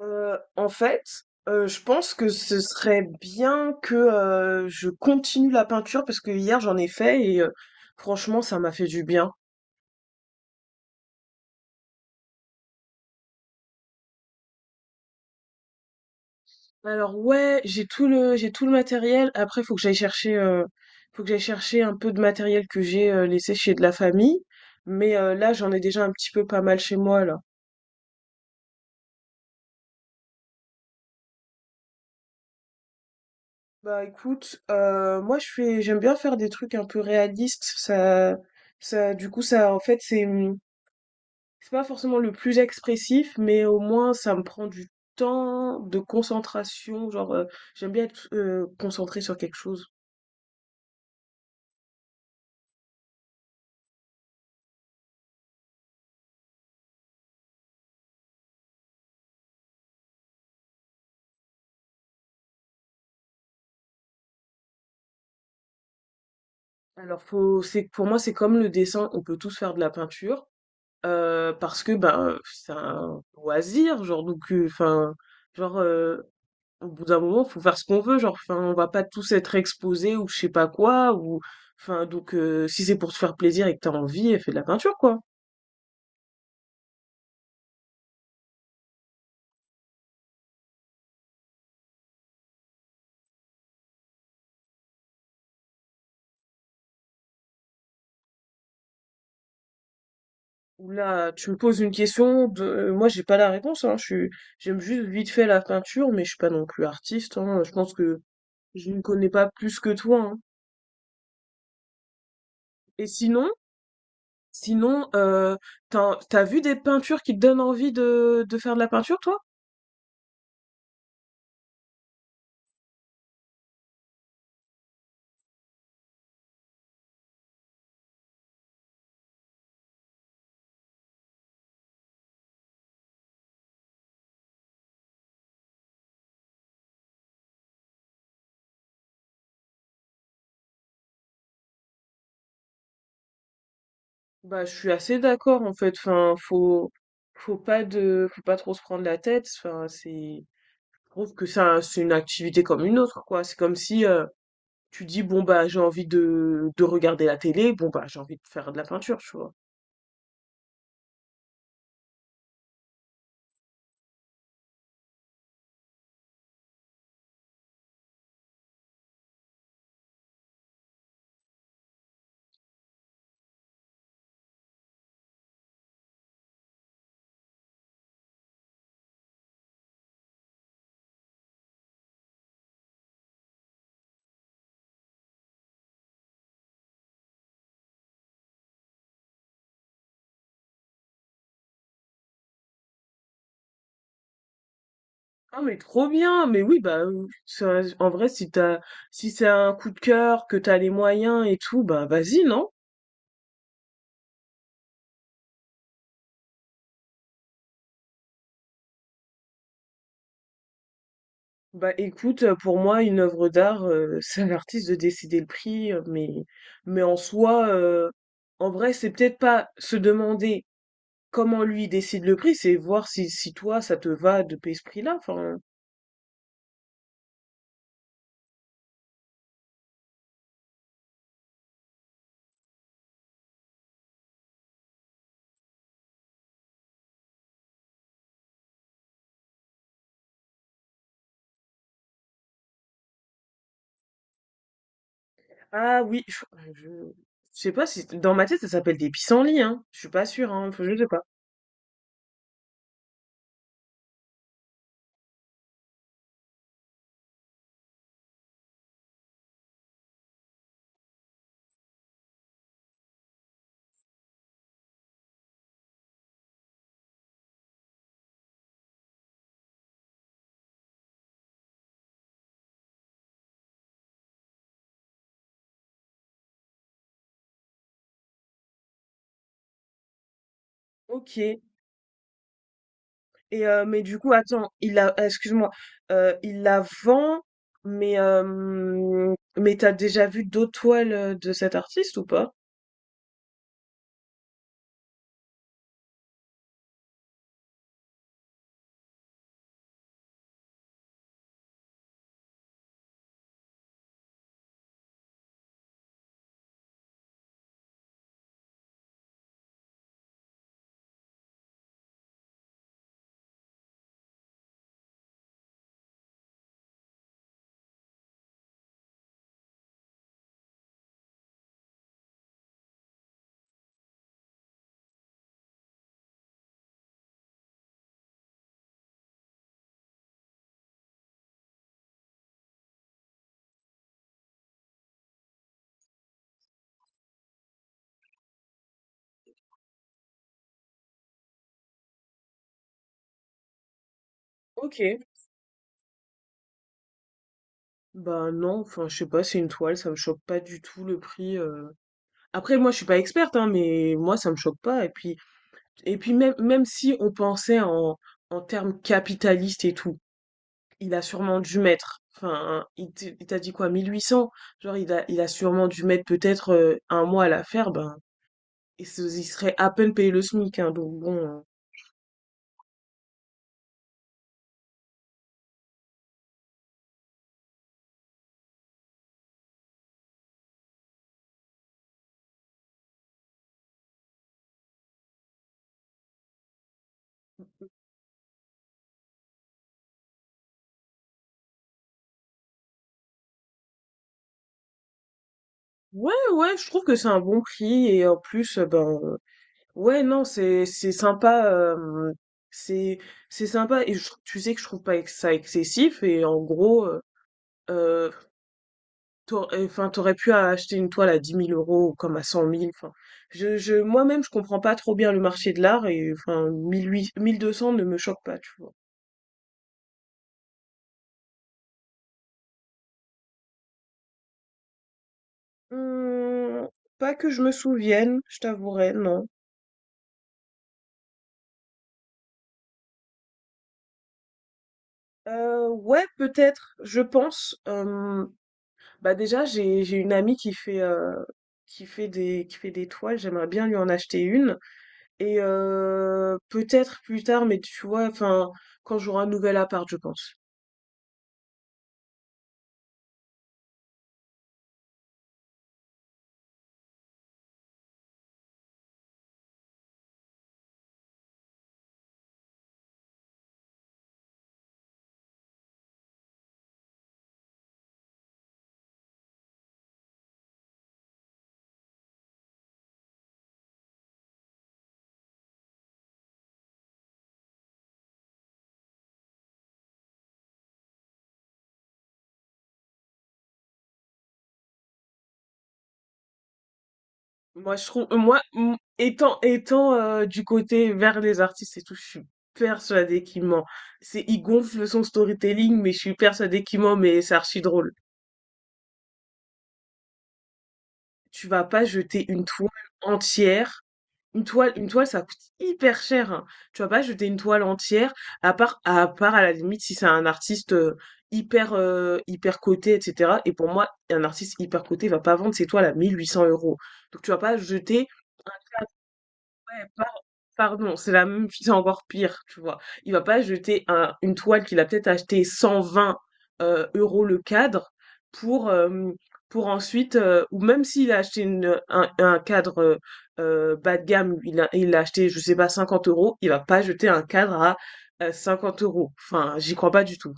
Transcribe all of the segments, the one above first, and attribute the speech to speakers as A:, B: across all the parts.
A: En fait, je pense que ce serait bien que, je continue la peinture parce que hier j'en ai fait et franchement ça m'a fait du bien. Alors, ouais, j'ai tout le matériel. Après faut que j'aille chercher un peu de matériel que j'ai, laissé chez de la famille. Mais là j'en ai déjà un petit peu pas mal chez moi là. Bah écoute, moi je fais j'aime bien faire des trucs un peu réalistes. Ça, du coup, ça en fait c'est... C'est pas forcément le plus expressif, mais au moins ça me prend du temps de concentration. Genre, j'aime bien être concentrée sur quelque chose. Alors, pour moi, c'est comme le dessin, on peut tous faire de la peinture, parce que ben, c'est un loisir, genre, donc, enfin, genre, au bout d'un moment, faut faire ce qu'on veut, genre, enfin, on va pas tous être exposés ou je sais pas quoi, ou, enfin, donc, si c'est pour se faire plaisir et que t'as envie, fais de la peinture, quoi. Oula, tu me poses une question de... Moi, j'ai pas la réponse, hein. Je suis... J'aime juste vite fait la peinture, mais je suis pas non plus artiste, hein. Je pense que je ne connais pas plus que toi, hein. Et sinon, t'as vu des peintures qui te donnent envie de faire de la peinture, toi? Bah, je suis assez d'accord, en fait. Enfin, faut pas trop se prendre la tête. Enfin, je trouve que ça, c'est une activité comme une autre, quoi. C'est comme si, tu dis, bon, bah, j'ai envie de regarder la télé, bon, bah, j'ai envie de faire de la peinture, tu vois. Ah mais trop bien, mais oui, bah en vrai, si c'est un coup de cœur, que t'as les moyens et tout, bah vas-y, non? Bah écoute, pour moi une œuvre d'art, c'est à l'artiste de décider le prix, mais en soi, en vrai c'est peut-être pas se demander comment lui décide le prix, c'est voir si toi ça te va de payer ce prix-là. Enfin, ah oui, je je sais pas si dans ma tête ça s'appelle des pissenlits, hein, je suis pas sûre, hein, enfin, je sais pas. Ok. Et mais du coup, attends, il la excuse-moi, il la vend, mais t'as déjà vu d'autres toiles, de cet artiste ou pas? OK. Bah, non, enfin, je sais pas, c'est une toile, ça me choque pas du tout le prix. Après moi, je suis pas experte, hein, mais moi, ça me choque pas, et puis même si on pensait en termes capitalistes et tout, il a sûrement dû mettre, enfin, il t'a dit quoi, mille huit cents. Genre, il a sûrement dû mettre peut-être un mois à la faire, ben, il serait à peine payé le SMIC, hein, donc bon. Ouais, ouais, je trouve que c'est un bon prix, et en plus, ben, ouais, non, c'est sympa, c'est, c'est sympa, et tu sais que je trouve pas ça excessif, et en gros, euh, T'au enfin, t'aurais pu acheter une toile à 10 000 € comme à 100 000. Enfin, moi-même, je comprends pas trop bien le marché de l'art, et enfin, 1 200 ne me choque pas, tu vois. Hum, Pas que je me souvienne, je t'avouerai, non. Ouais, peut-être, je pense. Bah déjà, j'ai une amie qui fait, qui fait des toiles. J'aimerais bien lui en acheter une. Et peut-être plus tard, mais tu vois, enfin, quand j'aurai un nouvel appart, je pense. Moi, je trouve, moi, étant du côté vers les artistes et tout, je suis persuadée qu'il ment. Il gonfle son storytelling, mais je suis persuadée qu'il ment, mais c'est archi drôle. Tu vas pas jeter une toile entière. Une toile, ça coûte hyper cher, hein. Tu vas pas jeter une toile entière, à part à la limite si c'est un artiste hyper coté, etc. Et pour moi, un artiste hyper coté va pas vendre ses toiles à 1800 euros. Donc tu vas pas jeter... Ouais, pardon, c'est la même c'est encore pire, tu vois? Il va pas jeter un une toile qu'il a peut-être achetée 120, euros le cadre pour, hem, pour ensuite, ou même s'il a acheté une un cadre, bas de gamme, il l'a acheté, je sais pas, 50 euros. Il va pas jeter un cadre à, 50 euros. Enfin, j'y crois pas du tout.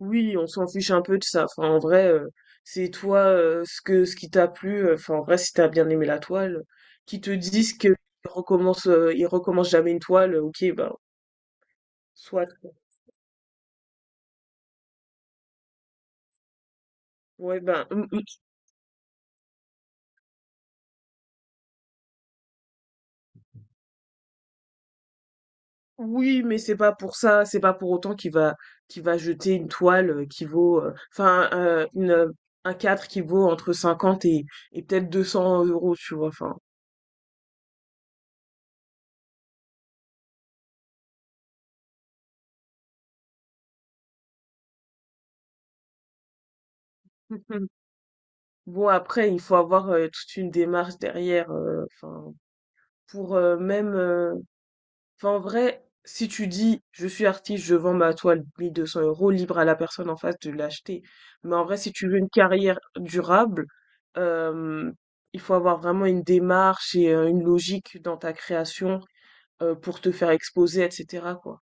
A: Oui, on s'en fiche un peu de ça. Enfin, en vrai, c'est toi ce qui t'a plu. Enfin, en vrai, si t'as bien aimé la toile, qui te disent qu'ils recommencent, ils recommencent jamais une toile, ok, ben, soit. Ouais, ben... Oui, mais c'est pas pour ça, c'est pas pour autant qu'il va jeter une toile qui vaut, enfin, un cadre qui vaut entre 50 et peut-être 200 euros, tu vois. Enfin, bon, après, il faut avoir toute une démarche derrière, enfin, pour même. Enfin, en vrai, si tu dis je suis artiste, je vends ma toile 1 200 euros, libre à la personne en face de l'acheter. Mais en vrai, si tu veux une carrière durable, euh, il faut avoir vraiment une démarche et une logique dans ta création pour te faire exposer, etc., quoi.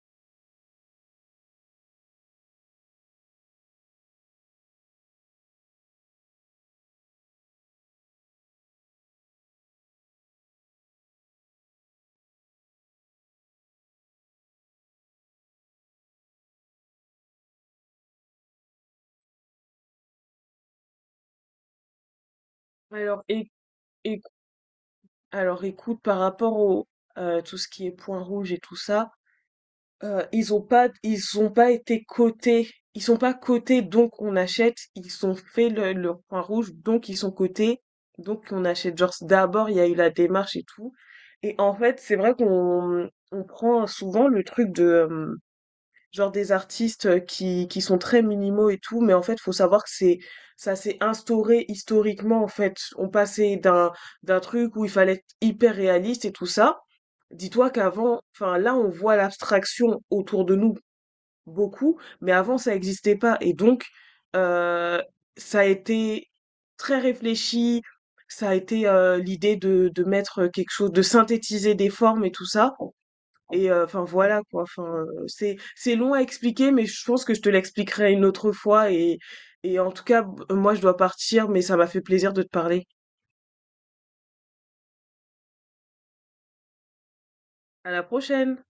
A: Alors, éc- éc- alors, écoute, par rapport au tout ce qui est point rouge et tout ça, ils ont pas été cotés. Ils sont pas cotés, donc on achète. Ils ont fait le leur point rouge, donc ils sont cotés, donc on achète. Genre d'abord, il y a eu la démarche et tout, et en fait, c'est vrai qu'on on prend souvent le truc de, genre des artistes qui sont très minimaux et tout, mais en fait, faut savoir que c'est ça s'est instauré historiquement, en fait. On passait d'un truc où il fallait être hyper réaliste et tout ça. Dis-toi qu'avant, enfin là, on voit l'abstraction autour de nous beaucoup, mais avant, ça n'existait pas. Et donc, euh, ça a été très réfléchi, ça a été l'idée de mettre quelque chose, de synthétiser des formes et tout ça. Et enfin voilà quoi. Enfin c'est long à expliquer, mais je pense que je te l'expliquerai une autre fois. Et, en tout cas, moi je dois partir, mais ça m'a fait plaisir de te parler. À la prochaine.